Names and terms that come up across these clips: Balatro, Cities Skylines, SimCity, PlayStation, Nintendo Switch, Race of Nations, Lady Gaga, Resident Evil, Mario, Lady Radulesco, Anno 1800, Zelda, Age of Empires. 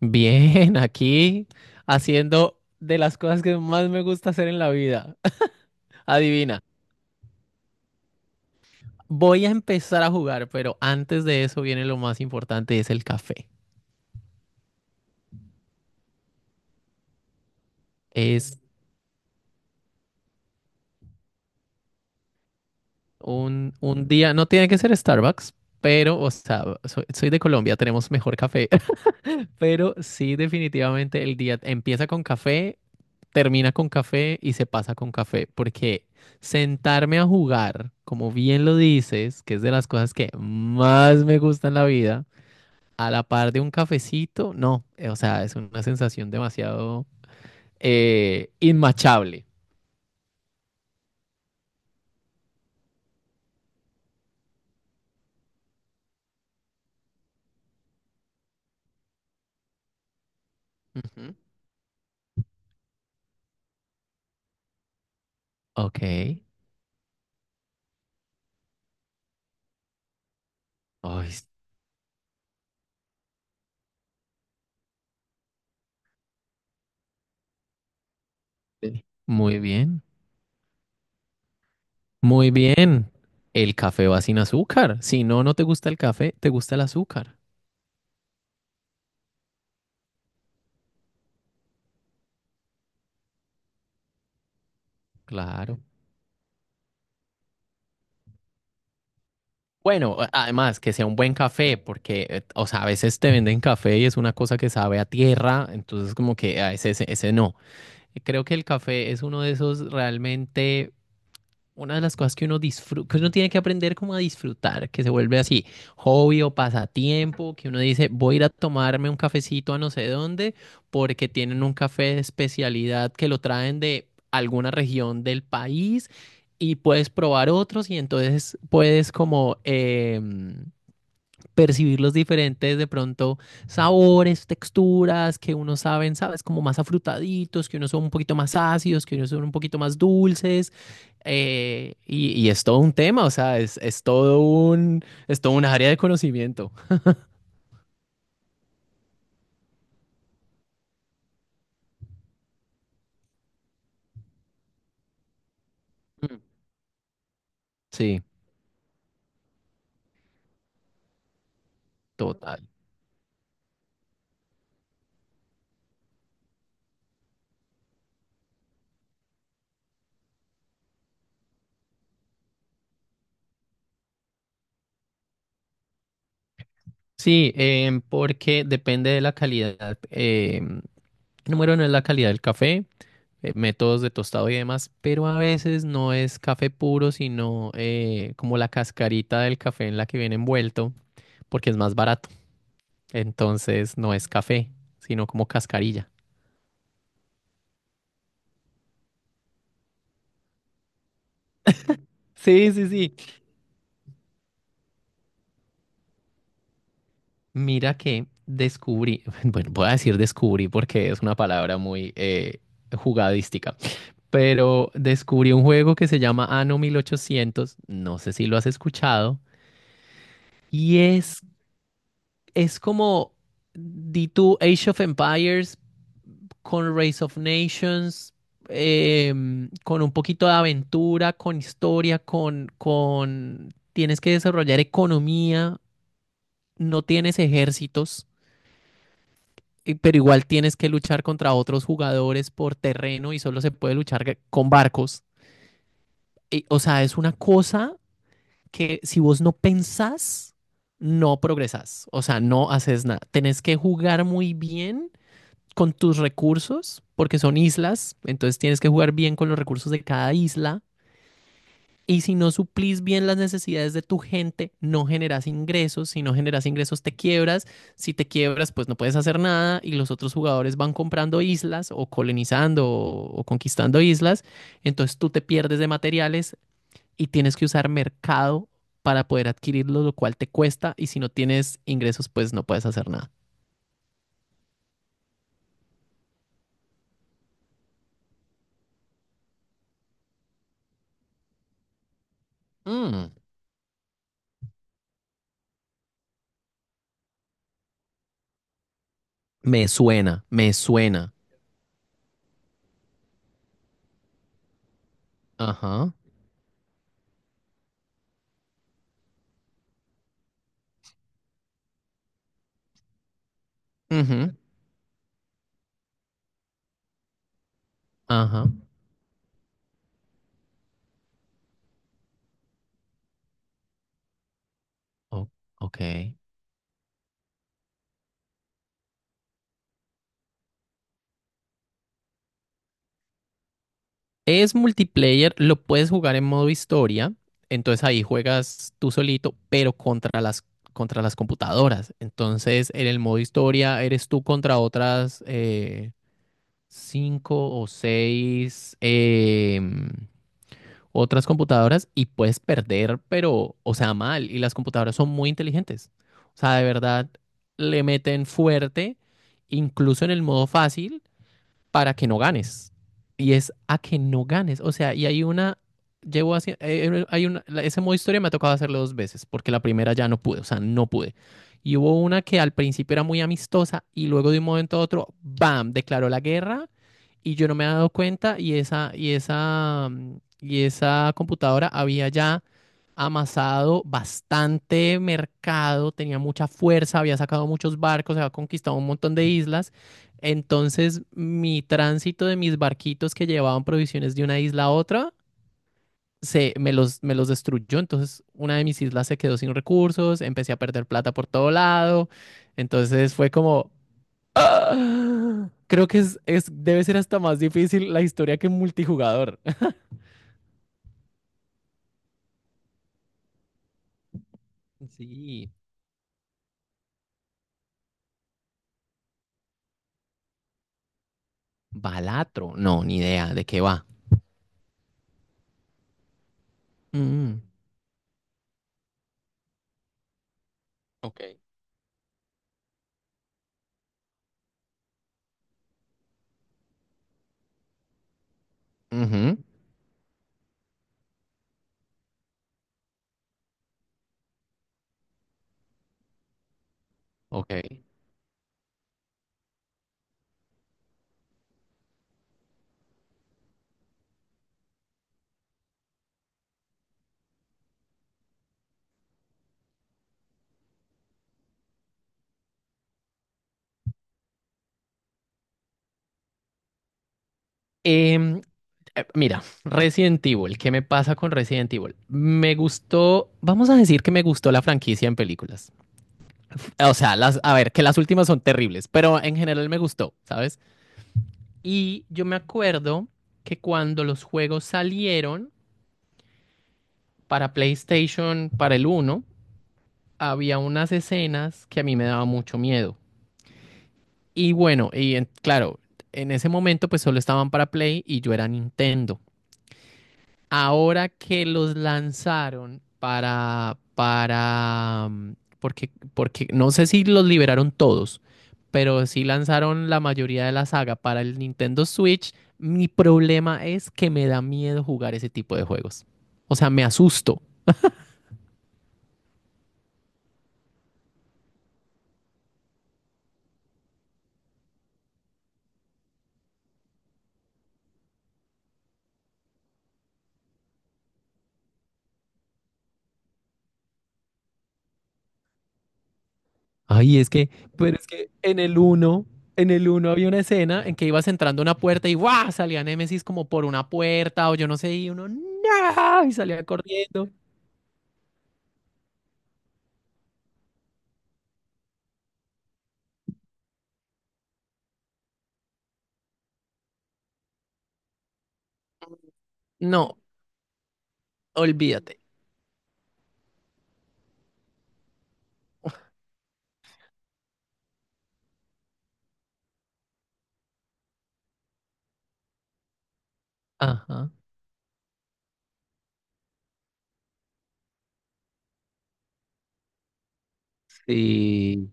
Bien, aquí haciendo de las cosas que más me gusta hacer en la vida. Adivina, voy a empezar a jugar, pero antes de eso viene lo más importante, es el café. Es un día, no tiene que ser Starbucks, pero, o sea, soy de Colombia, tenemos mejor café, pero sí definitivamente el día empieza con café, termina con café y se pasa con café, porque sentarme a jugar, como bien lo dices, que es de las cosas que más me gusta en la vida a la par de un cafecito, no, o sea, es una sensación demasiado inmachable. Ujú. Ok. Ay, sí. Muy bien, muy bien. El café va sin azúcar. Si no, no te gusta el café, te gusta el azúcar. Claro. Bueno, además que sea un buen café, porque, o sea, a veces te venden café y es una cosa que sabe a tierra, entonces como que a ese, ese no. Creo que el café es uno de esos realmente una de las cosas que uno disfruta, que uno tiene que aprender como a disfrutar, que se vuelve así, hobby o pasatiempo, que uno dice, voy a ir a tomarme un cafecito a no sé dónde, porque tienen un café de especialidad que lo traen de alguna región del país y puedes probar otros y entonces puedes como... percibir los diferentes, de pronto, sabores, texturas que uno saben, sabes, como más afrutaditos, que unos son un poquito más ácidos, que unos son un poquito más dulces. Y es todo un tema, o sea, es todo un área de conocimiento. Mm. Sí, total. Sí, porque depende de la calidad. Número uno es la calidad del café. Métodos de tostado y demás, pero a veces no es café puro, sino como la cascarita del café en la que viene envuelto, porque es más barato. Entonces no es café, sino como cascarilla. Sí, sí, sí. Mira que descubrí, bueno, voy a decir descubrí porque es una palabra muy jugadística, pero descubrí un juego que se llama Anno 1800, no sé si lo has escuchado, y es como... Di tú Age of Empires, con Race of Nations, con un poquito de aventura, con historia, con... Tienes que desarrollar economía, no tienes ejércitos, pero igual tienes que luchar contra otros jugadores por terreno y solo se puede luchar con barcos. Y, o sea, es una cosa que si vos no pensás, no progresás, o sea, no haces nada. Tenés que jugar muy bien con tus recursos, porque son islas, entonces tienes que jugar bien con los recursos de cada isla. Y si no suplís bien las necesidades de tu gente, no generas ingresos. Si no generas ingresos, te quiebras. Si te quiebras, pues no puedes hacer nada. Y los otros jugadores van comprando islas o colonizando o conquistando islas. Entonces tú te pierdes de materiales y tienes que usar mercado para poder adquirirlo, lo cual te cuesta. Y si no tienes ingresos, pues no puedes hacer nada. Mm. Me suena, me suena. Ajá. Ujú. Ajá. o- ok. Es multiplayer, lo puedes jugar en modo historia, entonces ahí juegas tú solito, pero contra las computadoras. Entonces en el modo historia eres tú contra otras cinco o seis otras computadoras y puedes perder, pero, o sea, mal. Y las computadoras son muy inteligentes. O sea, de verdad, le meten fuerte, incluso en el modo fácil, para que no ganes. Y es a que no ganes. O sea, y hay una, llevo así, hay una, ese modo historia me ha tocado hacerlo dos veces, porque la primera ya no pude, o sea, no pude. Y hubo una que al principio era muy amistosa y luego de un momento a otro, ¡bam!, declaró la guerra y yo no me había dado cuenta y esa, y esa computadora había ya amasado bastante mercado, tenía mucha fuerza, había sacado muchos barcos, había conquistado un montón de islas, entonces, mi tránsito de mis barquitos que llevaban provisiones de una isla a otra, se, me los destruyó. Entonces, una de mis islas se quedó sin recursos, empecé a perder plata por todo lado. Entonces, fue como... ¡ah! Creo que es, debe ser hasta más difícil la historia que multijugador. Sí. Balatro. No, ni idea de qué va. Mm. Ok. Ujú. Ok. Em, mira, Resident Evil, ¿qué me pasa con Resident Evil? Me gustó, vamos a decir que me gustó la franquicia en películas. O sea, las, a ver, que las últimas son terribles, pero en general me gustó, ¿sabes? Y yo me acuerdo que cuando los juegos salieron para PlayStation, para el uno, había unas escenas que a mí me daba mucho miedo. Y bueno, claro, en ese momento pues solo estaban para Play y yo era Nintendo. Ahora que los lanzaron para, porque, porque no sé si los liberaron todos, pero sí lanzaron la mayoría de la saga para el Nintendo Switch, mi problema es que me da miedo jugar ese tipo de juegos. O sea, me asusto. Ay, es que, pero es que en el uno, en el uno había una escena en que ibas entrando a una puerta y ¡guau!, salía Nemesis como por una puerta o yo no sé, y uno ¡no! Y salía corriendo. No, olvídate. Ajá. Sí.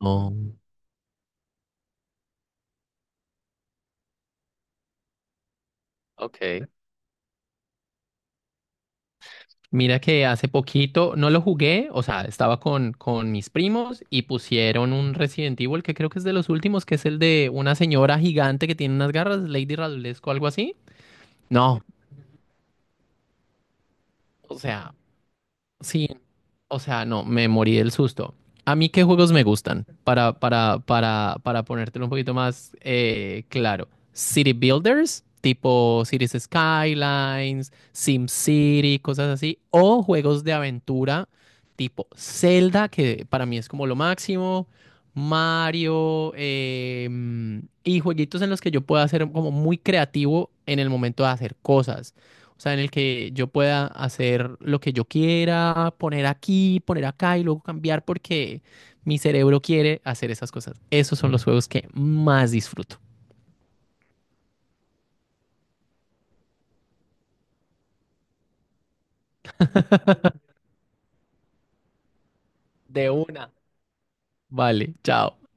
No. Ok. Mira que hace poquito no lo jugué, o sea, estaba con mis primos y pusieron un Resident Evil que creo que es de los últimos, que es el de una señora gigante que tiene unas garras, Lady Radulesco o algo así. No, o sea, sí, o sea, no, me morí del susto. A mí, ¿qué juegos me gustan? Para ponértelo un poquito más claro. City Builders, tipo Cities Skylines, SimCity, cosas así. O juegos de aventura, tipo Zelda, que para mí es como lo máximo. Mario, y jueguitos en los que yo pueda ser como muy creativo en el momento de hacer cosas. O sea, en el que yo pueda hacer lo que yo quiera, poner aquí, poner acá y luego cambiar porque mi cerebro quiere hacer esas cosas. Esos son los juegos que más disfruto. De una. Vale, chao.